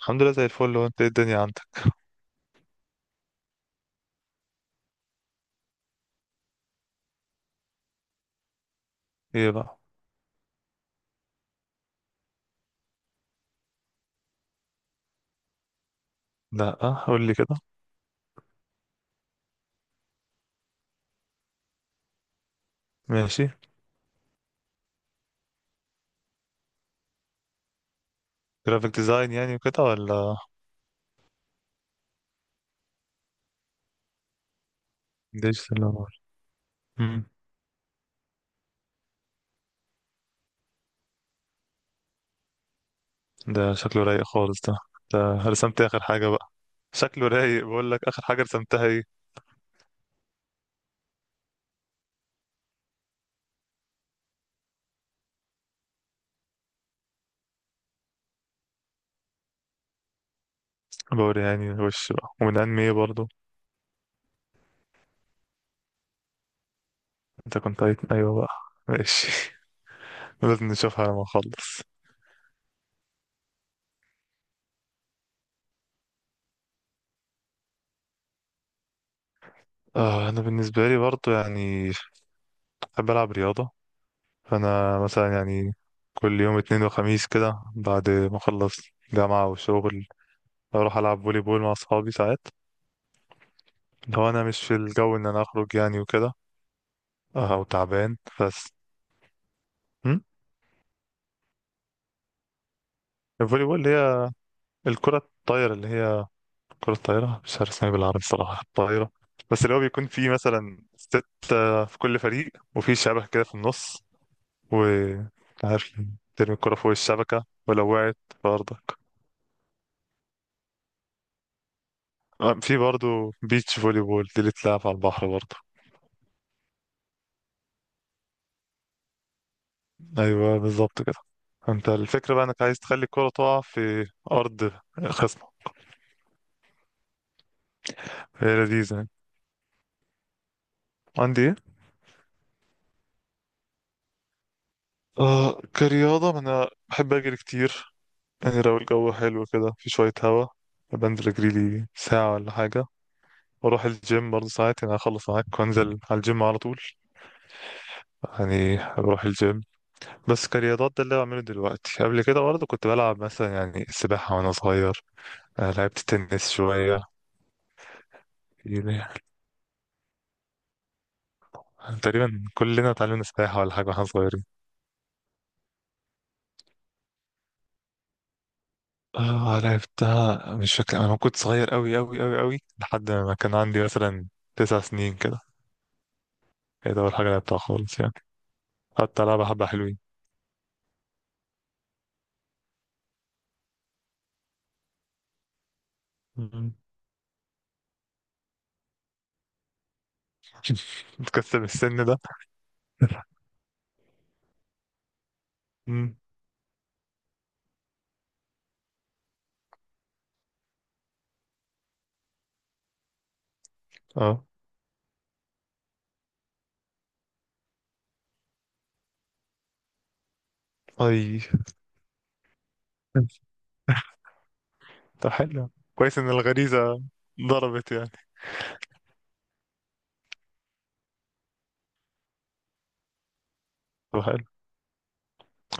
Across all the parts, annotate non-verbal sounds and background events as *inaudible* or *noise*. الحمد لله زي الفل. هو انت ايه الدنيا عندك؟ ايه بقى؟ لا، قول لي كده. ماشي. جرافيك ديزاين يعني وكده ولا ديجيتال ولا؟ امم ده شكله رايق خالص ده. ده رسمت اخر حاجه بقى؟ شكله رايق، بقول لك اخر حاجه رسمتها ايه؟ بوري يعني وش بقى، ومن انمي ايه برضو؟ ايوه بقى. ماشي *laughs* لازم نشوفها لما نخلص. انا بالنسبه لي برضو يعني بحب العب رياضه. فانا مثلا يعني كل يوم اتنين وخميس كده، بعد ما اخلص جامعة وشغل، بروح العب فولي بول مع اصحابي ساعات، لو انا مش في الجو ان انا اخرج يعني وكده. او تعبان بس. هم؟ الفولي بول اللي هي الكرة الطايرة، اللي هي كرة الطايرة، مش عارف اسمها إيه بالعربي الصراحة، الطايرة. بس اللي هو بيكون فيه مثلا ستة في كل فريق، وفي شبكة كده في النص، و عارف ترمي الكرة فوق الشبكة، ولو وقعت في أرضك. في برضه بيتش فولي بول، دي اللي بتلعب على البحر برضه. أيوه بالظبط كده. انت الفكرة بقى انك عايز تخلي الكرة تقع في أرض خصم. هي لذيذة. عندي ايه؟ آه، كرياضة أنا بحب أجري كتير. يعني لو الجو حلو كده في شوية هوا، بنزل أجري لي ساعة ولا حاجة. وأروح الجيم برضه ساعات، يعني أخلص معاك وأنزل على الجيم على طول. يعني بروح الجيم. بس كرياضات ده اللي بعمله دلوقتي. قبل كده برضه كنت بلعب مثلا يعني سباحة وأنا صغير. آه، لعبت تنس شوية. يعني تقريبا كلنا اتعلمنا سباحة ولا حاجة واحنا صغيرين. اه، لعبتها، مش فاكر، انا كنت صغير قوي قوي قوي قوي، لحد ما كان عندي مثلا 9 سنين كده. هي ده اول حاجه لعبتها خالص يعني. حتى لعبه حبه حلوين. مم. *laughs* تكسب السن ده. مم. اه. اي. *laughs* طب حلو. كويس ان الغريزه ضربت يعني. طب حلو.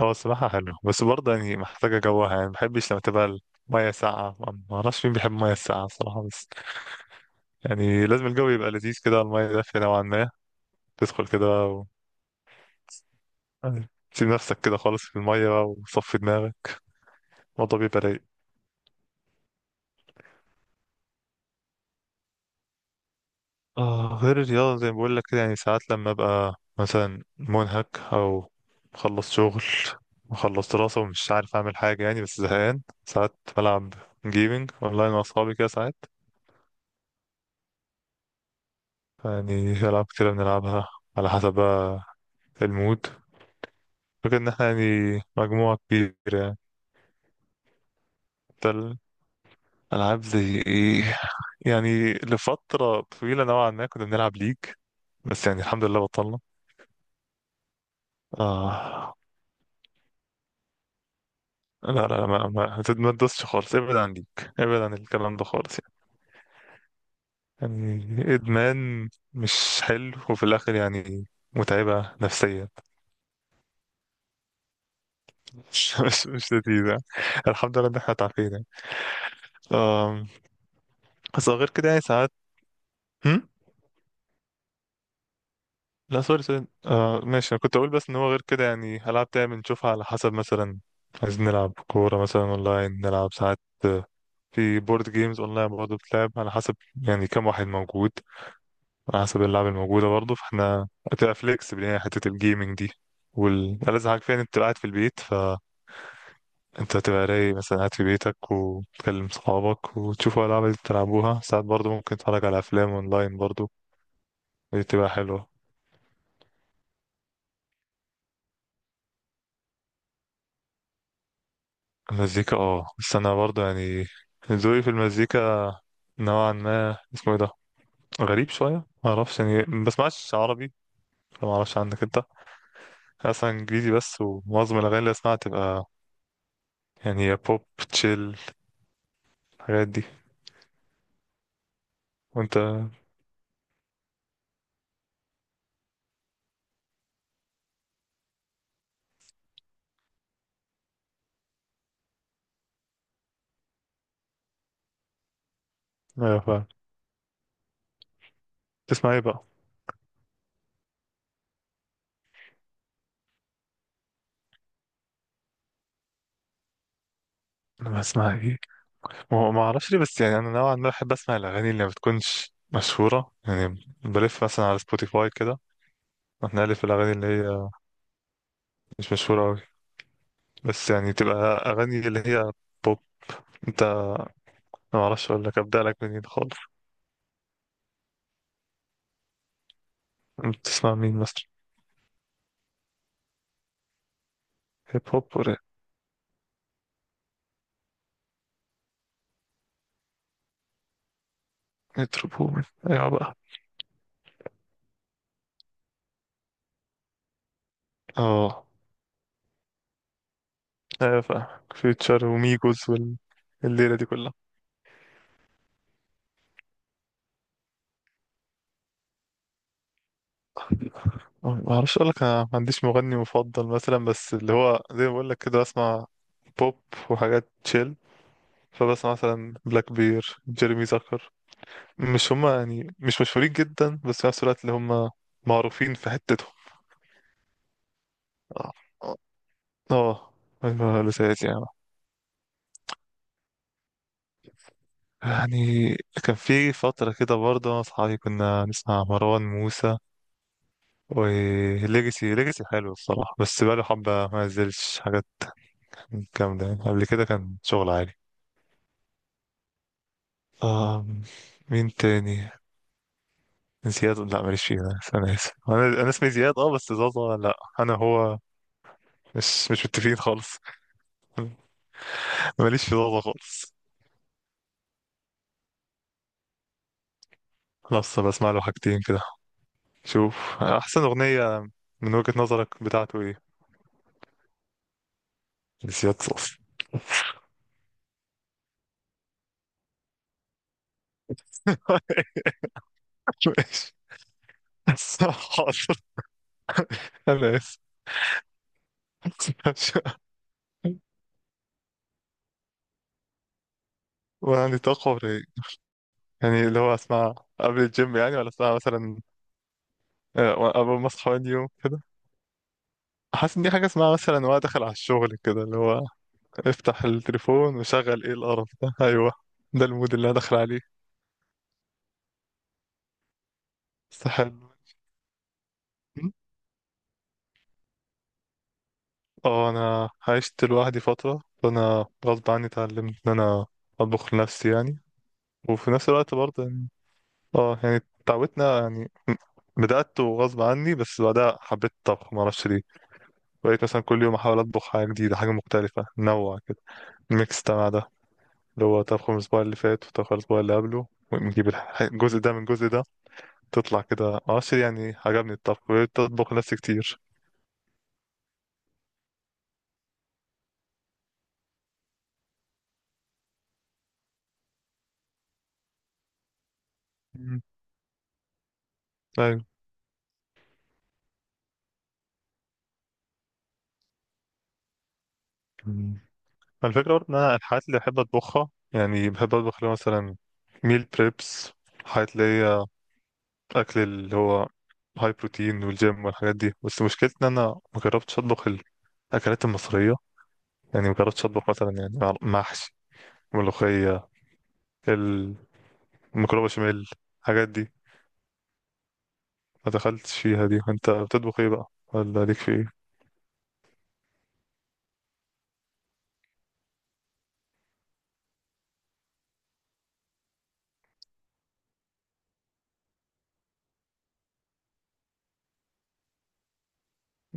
اه الصراحه حلو، بس برضه يعني محتاجه جوها. يعني ما بحبش لما تبقى الميه ساقعه. ما اعرفش مين بيحب الميه الساقعه الصراحه. بس يعني لازم الجو يبقى لذيذ كده، الميه دافيه نوعا ما، تدخل كده. أيوة. سيب نفسك كده خالص في المية بقى وصفي دماغك، الموضوع بيبقى رايق. آه، غير الرياضة زي ما بقول لك كده، يعني ساعات لما أبقى مثلا منهك، أو مخلص شغل، مخلص دراسة، ومش عارف أعمل حاجة يعني، بس زهقان ساعات، بلعب جيمنج أونلاين مع أصحابي كده ساعات. يعني في ألعاب كتيرة بنلعبها، على حسب بقى المود. فكرة إن احنا يعني مجموعة كبيرة. يعني ده الألعاب زي إيه. يعني لفترة طويلة نوعا ما كنا بنلعب ليج، بس يعني الحمد لله بطلنا. آه، لا لا لا، ما تدوسش خالص، ابعد عن ديك، ابعد عن الكلام ده خالص يعني. يعني إدمان مش حلو، وفي الآخر يعني متعبة نفسيا. *laughs* مش لذيذة يعني. الحمد لله إن احنا تعافينا يعني. آم، بس غير كده يعني ساعات. هم؟ لا سوري سوري، آه ماشي. أنا كنت أقول بس إن هو غير كده يعني ألعاب تاني بنشوفها على حسب. مثلا عايزين نلعب كورة مثلا أونلاين، نلعب ساعات. آه، في بورد جيمز أونلاين برضه، بتلعب على حسب يعني كم واحد موجود، على حسب اللعبة الموجودة برضه. فاحنا هتبقى فليكسبل يعني حتة الجيمنج دي. والألذ حاجة فيها إن أنت تبقى قاعد في البيت، فأنت هتبقى رايق، مثلا قاعد في بيتك وتكلم صحابك وتشوفوا ألعاب اللي بتلعبوها. ساعات برضه ممكن تتفرج على أفلام أونلاين برضه، دي بتبقى حلوة. المزيكا، اه، بس أنا برضه يعني ذوقي في المزيكا نوعا ما، اسمه ايه ده، غريب شوية. معرفش يعني، ما بسمعش عربي، فمعرفش عنك انت. أنا أصلا إنجليزي بس، ومعظم الأغاني اللي أسمعها تبقى يعني يا بوب، تشيل، الحاجات دي. وانت؟ ايوه فاهم. تسمع ايه بقى؟ انا بسمع ايه؟ ما اعرفش ليه، بس يعني انا نوعا ما بحب اسمع الاغاني اللي ما بتكونش مشهوره. يعني بلف مثلا على سبوتيفاي كده، بنقلب في الاغاني اللي هي مش مشهوره قوي. بس يعني تبقى اغاني اللي هي بوب. انت، ما اعرفش اقول لك ابدا لك منين خالص. انت بتسمع مين مثلا؟ هيب هوب ولا؟ متروبول، ايوه بقى. اه، ايوه فاهم، فيوتشر وميجوز وال... الليله دي كلها. آه، ما اعرفش اقول لك، انا ما عنديش مغني مفضل مثلا، بس اللي هو زي ما بقول لك كده بسمع بوب وحاجات تشيل. فبسمع مثلا بلاك بير، جيرمي زكر. مش هما يعني مش مشهورين جدا، بس في نفس الوقت اللي هما معروفين في حتتهم. اه. اه. آه، أيوة، لساتي يعني. يعني كان في فترة كده برضه أنا وأصحابي كنا نسمع مروان موسى وليجاسي. ليجاسي حلو الصراحة، بس بقاله حبة ما نزلش حاجات جامدة يعني، قبل كده كان شغل عادي. آه. مين تاني؟ زياد، لا ماليش فيه، بس انا اسف، انا اسمي زياد، اه، بس زازا لا انا هو. مش متفقين خالص *laughs* ماليش في زازا خالص. خلاص، بسمع له حاجتين كده. شوف، احسن اغنية من وجهة نظرك بتاعته ايه؟ زياد صوص. *laughs* ماشي، حاضر، انا اسف. *laughs* وانا عندي طاقة ولا إيه؟ يعني اللي هو اسمع قبل الجيم، يعني ولا اسمع مثلا؟ آه، اول ما اصحى يوم، حاسس ان دي حاجه اسمها مثلا وانا داخل على الشغل كده، اللي هو افتح التليفون وشغل ايه القرف ده *laughs* ايوه، ده المود اللي انا داخل عليه. بس حلو. م؟ اه، انا عشت لوحدي فتره، فانا غصب عني اتعلمت ان انا اطبخ لنفسي يعني. وفي نفس الوقت برضه يعني، اه يعني اتعودنا يعني. بدأت وغصب عني، بس بعدها حبيت الطبخ معرفش ليه. بقيت مثلا كل يوم احاول اطبخ حاجه جديده، حاجه مختلفه، نوع كده ميكس ده، اللي هو تضخم الأسبوع اللي فات وتضخم الأسبوع اللي قبله، ونجيب الجزء ده من الجزء ده، تطلع كده عشر. يعني عجبني الطبخ، بتطبخ نفسي كتير. مم. أيوة. مم. الفكرة برضه إن أنا الحاجات اللي بحب أطبخها، يعني بحب أطبخ اللي هو مثلا ميل بريبس، حاجات اللي هي أكل اللي هو هاي بروتين والجيم والحاجات دي. بس مشكلتي إن أنا مجربتش أطبخ الأكلات المصرية، يعني مجربتش أطبخ مثلا، يعني محشي، ملوخية، المكرونة بشاميل، الحاجات دي، ما دخلتش فيها دي. انت بتطبخ ايه بقى ولا ليك في ايه؟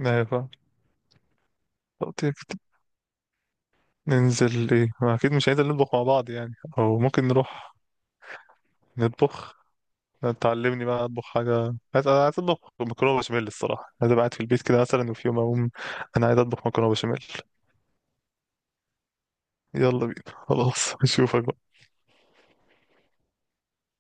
ايوه فاهم. طب تيجي ننزل ايه؟ ما اكيد مش هننزل نطبخ مع بعض يعني، او ممكن نروح نطبخ. تعلمني بقى اطبخ حاجه. عايز، عايز اطبخ مكرونه بشاميل الصراحه. عايز أبقى قاعد في البيت كده مثلا، وفي يوم اقوم انا عايز اطبخ مكرونه بشاميل. يلا بينا. خلاص *laughs* اشوفك بقى.